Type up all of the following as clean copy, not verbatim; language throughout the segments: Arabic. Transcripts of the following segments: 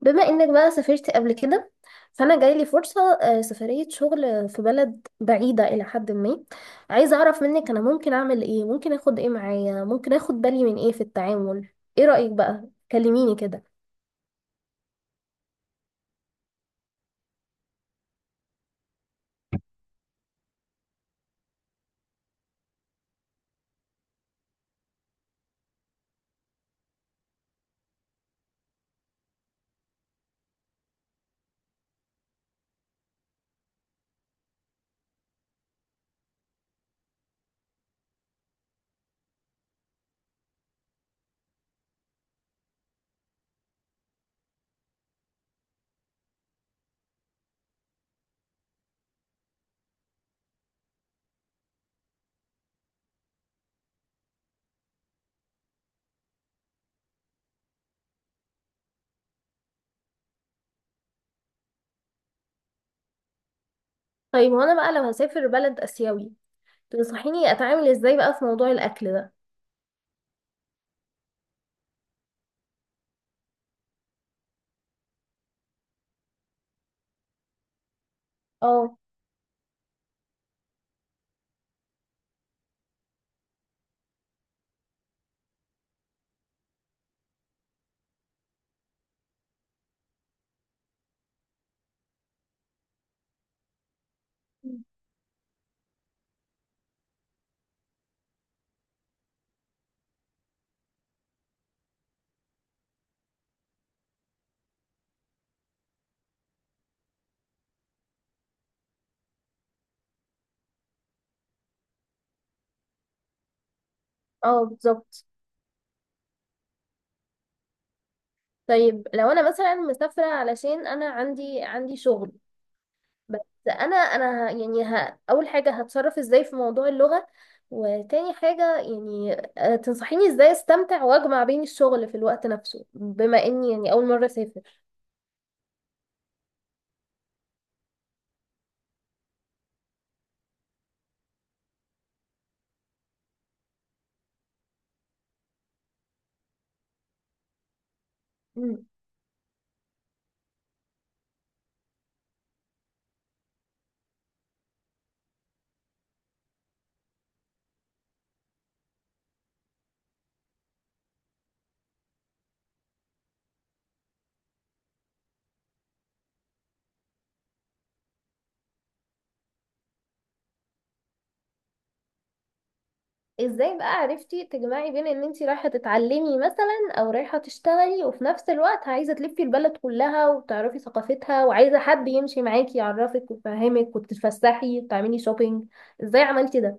بما انك بقى سافرت قبل كده، فانا جايلي فرصة سفرية شغل في بلد بعيدة الى حد ما. عايزة اعرف منك، انا ممكن اعمل ايه؟ ممكن اخد ايه معايا؟ ممكن اخد بالي من ايه في التعامل؟ ايه رأيك بقى؟ كلميني كده. طيب وانا بقى لو هسافر بلد اسيوي، تنصحيني اتعامل ازاي بقى في موضوع الاكل ده؟ اه، اه، بالظبط. طيب لو انا مثلا مسافرة علشان انا عندي شغل بس. انا يعني اول حاجه هتصرف ازاي في موضوع اللغه؟ وتاني حاجه يعني، تنصحيني ازاي استمتع واجمع بين الشغل في الوقت نفسه، بما اني يعني اول مره اسافر. مم. ازاي بقى عرفتي تجمعي بين ان انتي رايحه تتعلمي مثلا او رايحه تشتغلي، وفي نفس الوقت عايزه تلفي البلد كلها وتعرفي ثقافتها، وعايزه حد يمشي معاكي يعرفك ويفهمك وتتفسحي وتعملي شوبينج؟ ازاي عملتي ده؟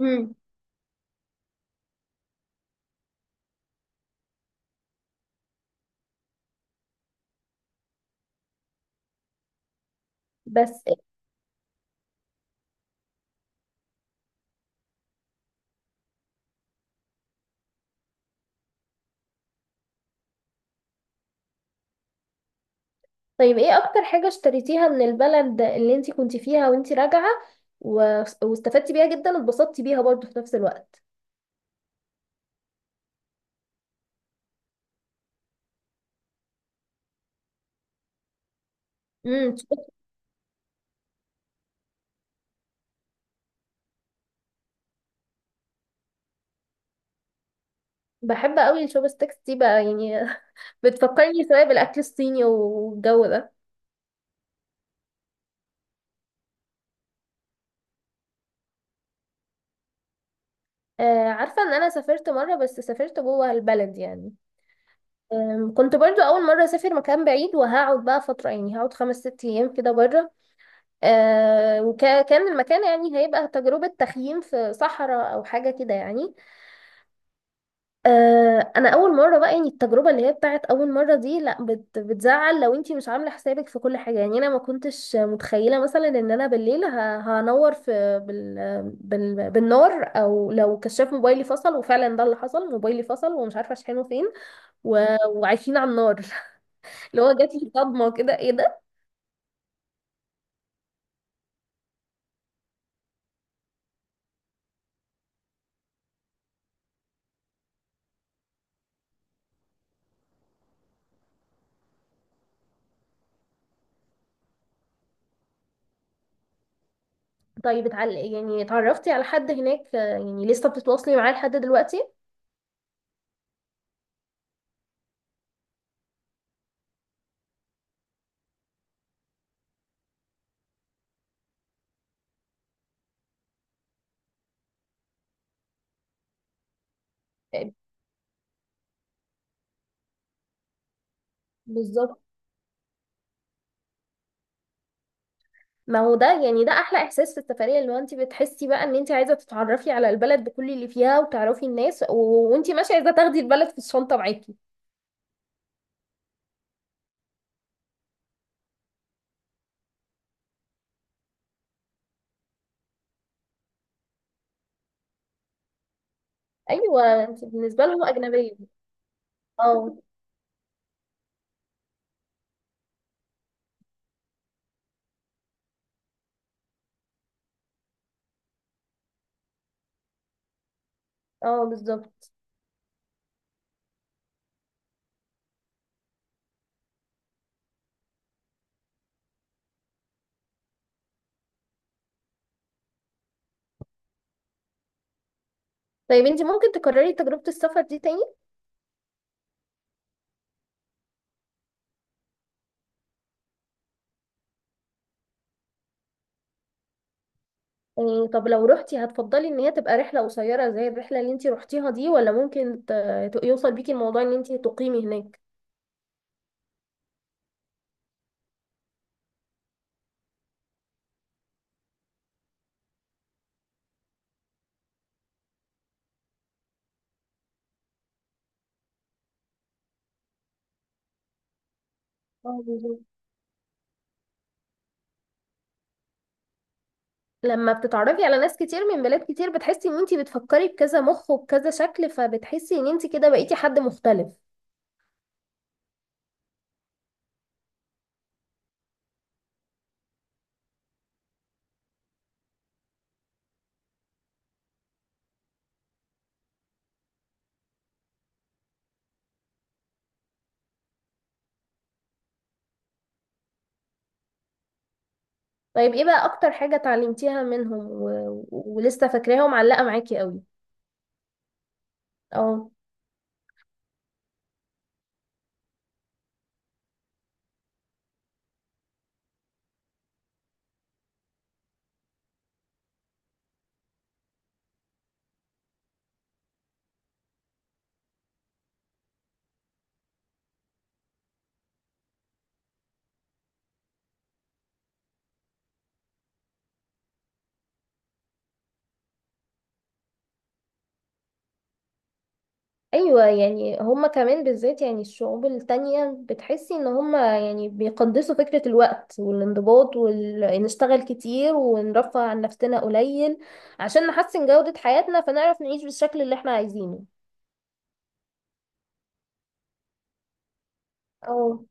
مم. بس. طيب، ايه اكتر حاجة اشتريتيها من البلد اللي انتي كنتي فيها وانتي راجعة و... واستفدتي بيها جدا واتبسطتي بيها برضو في نفس الوقت؟ امم بحب قوي الشوب ستيكس دي بقى يعني بتفكرني شوية بالاكل الصيني والجو ده. عارفة ان انا سافرت مرة، بس سافرت جوه البلد يعني. كنت برضو اول مرة اسافر مكان بعيد وهقعد بقى فترة، يعني هقعد 5 6 أيام كده بره. وكان المكان يعني هيبقى تجربة تخييم في صحراء او حاجة كده يعني. انا اول مره بقى، يعني التجربه اللي هي بتاعت اول مره دي لا بتزعل لو انتي مش عامله حسابك في كل حاجه. يعني انا ما كنتش متخيله مثلا ان انا بالليل هنور في بالنار، او لو كشاف موبايلي فصل. وفعلا ده اللي حصل، موبايلي فصل ومش عارفه اشحنه فين و... وعايشين على النار. اللي هو جات لي صدمه كده، ايه ده؟ طيب يعني اتعرفتي على حد هناك، يعني لسه بتتواصلي معاه لحد دلوقتي؟ آه، بالظبط. ما هو ده يعني، ده احلى احساس في السفريه، اللي هو انت بتحسي بقى ان انت عايزه تتعرفي على البلد بكل اللي فيها وتعرفي الناس، وانت ماشيه عايزه تاخدي البلد في الشنطه معاكي. ايوه، انت بالنسبه لهم اجنبيه. اه، اه، بالظبط. طيب انت ممكن تكرري تجربه السفر دي تاني؟ يعني طب لو روحتي، هتفضلي ان هي تبقى رحله قصيره زي الرحله اللي انت روحتيها دي، ولا ممكن يوصل بيكي الموضوع ان انت تقيمي هناك؟ اه، بالظبط. لما بتتعرفي على ناس كتير من بلاد كتير، بتحسي ان انتي بتفكري بكذا مخ وبكذا شكل، فبتحسي ان انتي كده بقيتي حد مختلف. طيب ايه بقى اكتر حاجة اتعلمتيها منهم ولسه فاكراها ومعلقة معاكي قوي؟ اه. ايوه يعني، هما كمان بالذات، يعني الشعوب التانية بتحسي ان هما يعني بيقدسوا فكرة الوقت والانضباط، نشتغل كتير ونرفه عن نفسنا قليل عشان نحسن جودة حياتنا فنعرف نعيش بالشكل اللي احنا عايزينه. اه.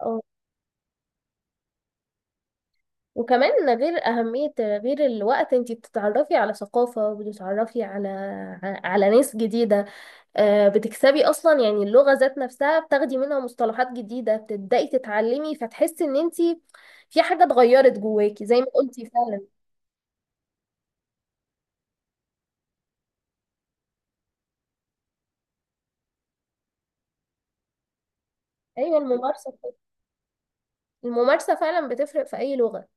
اه، وكمان، غير أهمية، غير الوقت، انت بتتعرفي على ثقافة، بتتعرفي على ناس جديدة. بتكسبي أصلا يعني اللغة ذات نفسها، بتاخدي منها مصطلحات جديدة، بتبدأي تتعلمي، فتحسي ان انت في حاجة اتغيرت جواكي زي ما قلتي فعلا. أيوة، الممارسة. الممارسة فعلا بتفرق في أي لغة.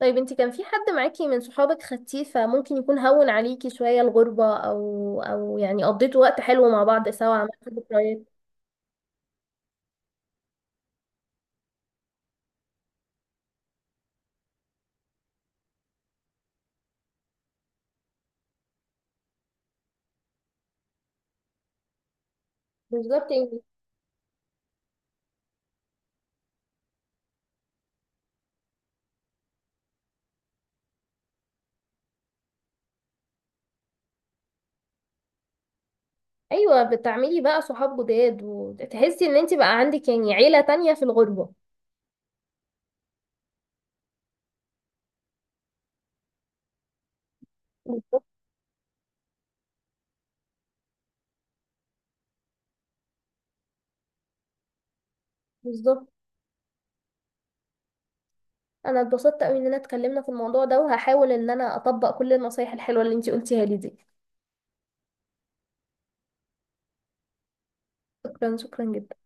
طيب انت كان في حد معاكي من صحابك خدتيه فممكن يكون هون عليكي شوية الغربة، أو يعني قضيتوا وقت حلو مع بعض سوا، عملتوا ذكريات؟ بالظبط يعني. ايوه، بتعملي بقى صحاب جداد وتحسي ان انت بقى عندك يعني عيله تانية في الغربه. بالظبط، بالظبط. انا اتبسطت قوي اننا اتكلمنا في الموضوع ده، وهحاول ان انا اطبق كل النصايح الحلوه اللي انت قلتيها لي دي. شكرا، شكرا جدا.